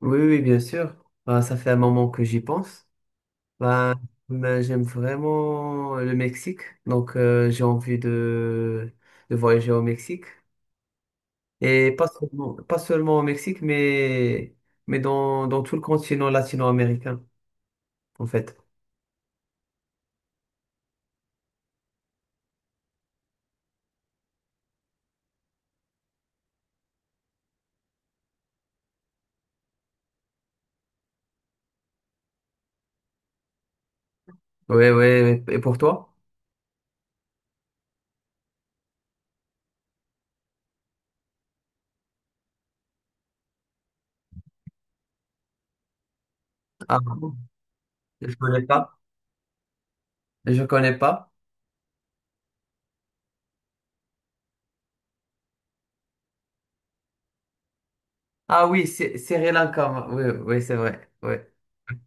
Oui, oui, oui, bien sûr. Ben, ça fait un moment que j'y pense. Ben, ben, j'aime vraiment le Mexique, donc j'ai envie de voyager au Mexique. Et pas seulement, pas seulement au Mexique, mais dans, dans tout le continent latino-américain, en fait. Oui, oui, oui. Et pour toi? Ah, je connais pas. Je connais pas. Ah oui, c'est Sri Lanka. Oui, oui, c'est vrai. Oui.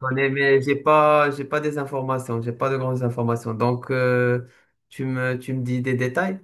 J'en ai, mais j'ai pas des informations, j'ai pas de grandes informations. Donc, tu me dis des détails?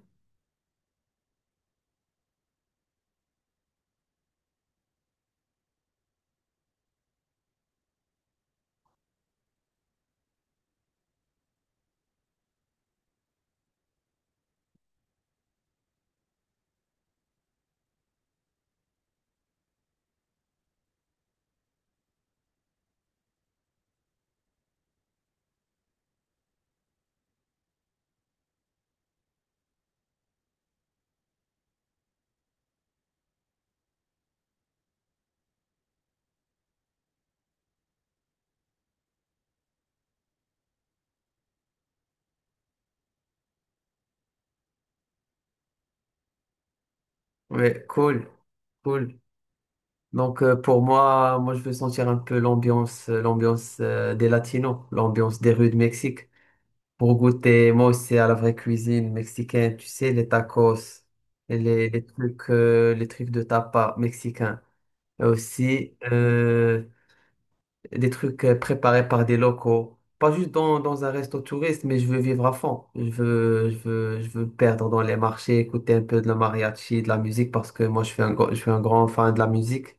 Ouais, cool, cool. Donc, pour moi, moi, je veux sentir un peu l'ambiance, l'ambiance des Latinos, l'ambiance des rues de Mexique. Pour goûter, moi aussi, à la vraie cuisine mexicaine, tu sais, les tacos, les trucs de tapas mexicains. Et aussi, des trucs préparés par des locaux. Pas juste dans, dans un resto touriste, mais je veux vivre à fond. Je veux, je veux, je veux me perdre dans les marchés, écouter un peu de la mariachi, de la musique, parce que moi, je suis un, je suis un grand fan de la musique.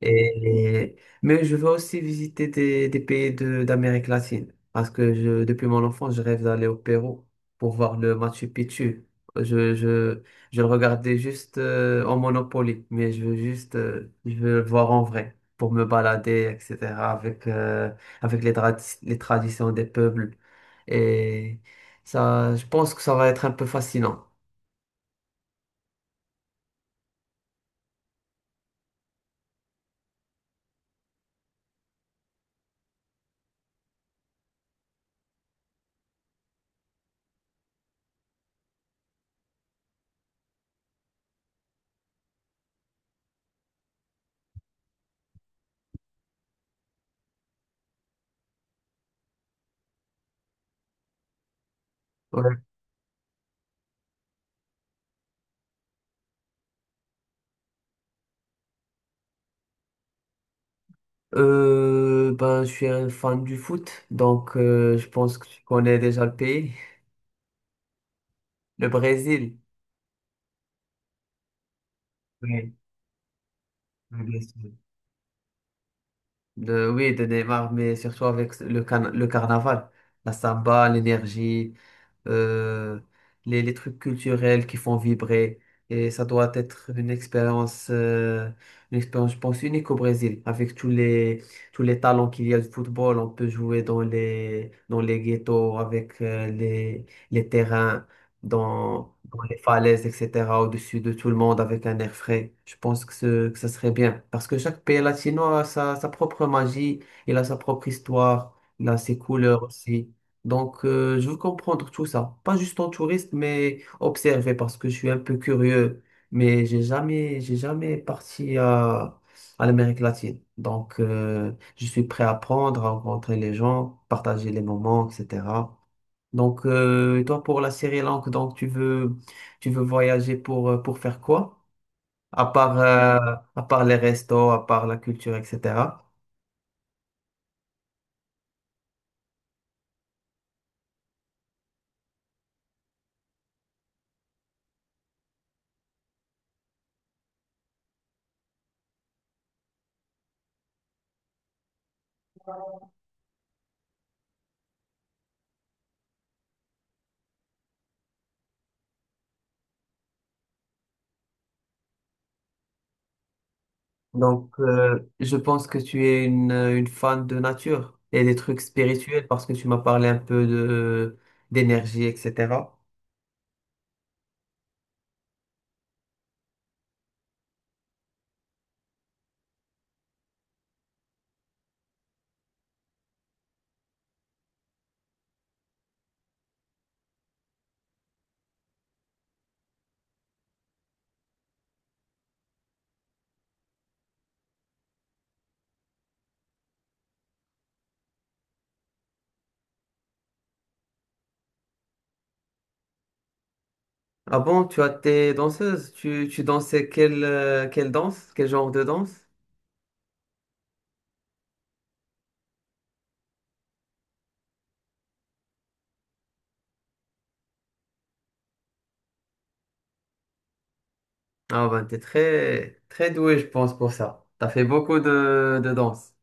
Et, mais je veux aussi visiter des pays de, d'Amérique latine parce que je, depuis mon enfance, je rêve d'aller au Pérou pour voir le Machu Picchu. Je, je, je le regardais juste en Monopoly, mais je veux juste je veux le voir en vrai pour me balader, etc., avec, avec les, les traditions des peuples. Et ça, je pense que ça va être un peu fascinant. Ouais. Ben, je suis un fan du foot, donc je pense que tu connais déjà le pays, le Brésil. Oui, oui, bien sûr. De, oui, de Neymar, mais surtout avec le, le carnaval, la samba, l'énergie, euh, les trucs culturels qui font vibrer. Et ça doit être une expérience, je pense, unique au Brésil, avec tous les talents qu'il y a du football. On peut jouer dans les ghettos, avec les terrains. Dans, dans les falaises, etc., au-dessus de tout le monde avec un air frais. Je pense que, ce, que ça serait bien. Parce que chaque pays latino a sa, sa propre magie, il a sa propre histoire, il a ses couleurs aussi. Donc, je veux comprendre tout ça. Pas juste en touriste, mais observer parce que je suis un peu curieux. Mais j'ai jamais parti à l'Amérique latine. Donc, je suis prêt à apprendre, à rencontrer les gens, partager les moments, etc. Donc, et toi, pour la Sri Lanka, donc tu veux voyager pour faire quoi? À part, euh, à part les restos, à part la culture, etc. Donc, je pense que tu es une fan de nature et des trucs spirituels parce que tu m'as parlé un peu de d'énergie, etc. Ah bon, tu as tes danseuses, tu dansais quelle, quelle danse, quel genre de danse? Ah ben, t'es très, très doué, je pense, pour ça. T'as fait beaucoup de danse.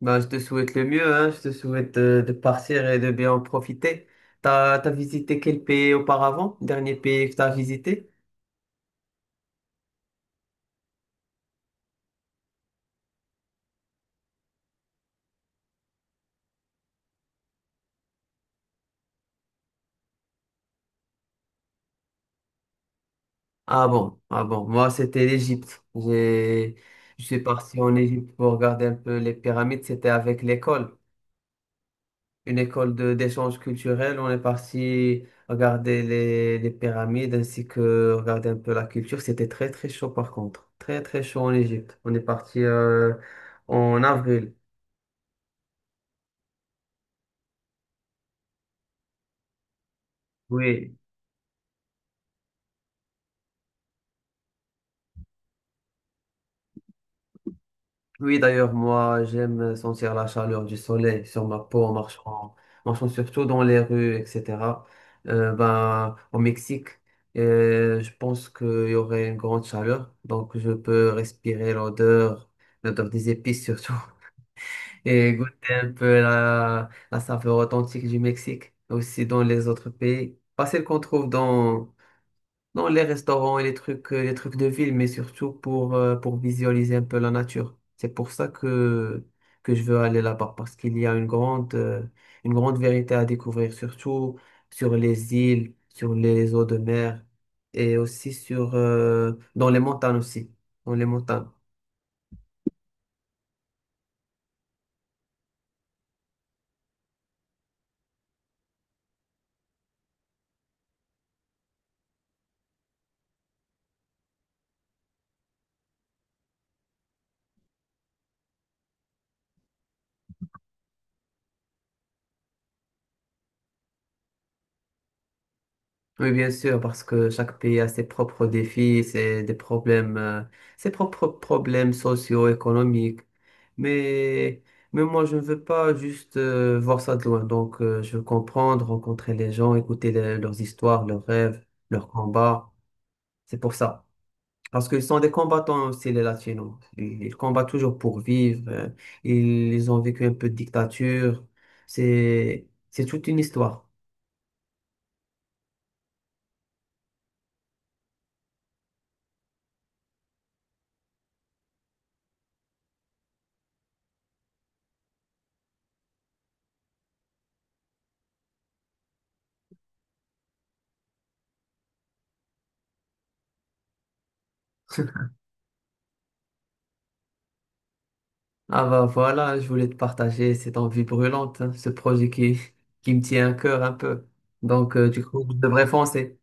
Ben, je te souhaite le mieux, hein. Je te souhaite de partir et de bien en profiter. T'as, t'as visité quel pays auparavant? Dernier pays que t'as visité? Ah bon, ah bon. Moi, c'était l'Égypte. J'ai, je suis parti en Égypte pour regarder un peu les pyramides. C'était avec l'école. Une école de d'échange culturel. On est parti regarder les pyramides ainsi que regarder un peu la culture. C'était très très chaud par contre. Très très chaud en Égypte. On est parti en avril. Oui. Oui, d'ailleurs, moi, j'aime sentir la chaleur du soleil sur ma peau en marchant, marchant surtout dans les rues, etc. Ben, au Mexique, je pense qu'il y aurait une grande chaleur, donc je peux respirer l'odeur, l'odeur des épices surtout. Et goûter un peu la, la saveur authentique du Mexique, aussi dans les autres pays. Pas celle qu'on trouve dans, dans les restaurants et les trucs de ville, mais surtout pour visualiser un peu la nature. C'est pour ça que je veux aller là-bas, parce qu'il y a une grande vérité à découvrir, surtout sur les îles, sur les eaux de mer et aussi sur, dans les montagnes aussi, dans les montagnes. Oui, bien sûr, parce que chaque pays a ses propres défis, ses, des problèmes, ses propres problèmes socio-économiques. Mais, mais moi, je ne veux pas juste voir ça de loin. Donc, je veux comprendre, rencontrer les gens, écouter leurs histoires, leurs rêves, leurs combats. C'est pour ça. Parce qu'ils sont des combattants aussi, les Latinos. Ils combattent toujours pour vivre. Ils, ils ont vécu un peu de dictature. C'est toute une histoire. Ah bah voilà, je voulais te partager cette envie brûlante, hein, ce projet qui me tient à cœur un peu. Donc du coup, je devrais foncer.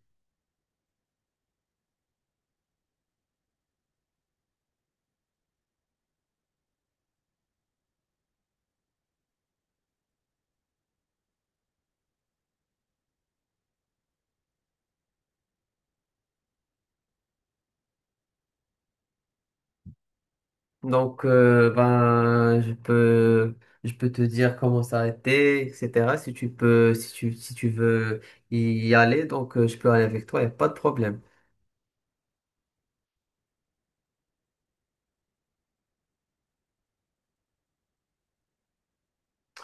Donc ben je peux te dire comment s'arrêter, etc. Si tu peux si tu si tu veux y aller, donc je peux aller avec toi, y a pas de problème.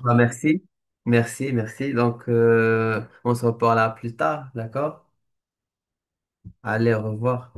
Bah, merci. Merci, merci. Donc on se reparle plus tard, d'accord? Allez, au revoir.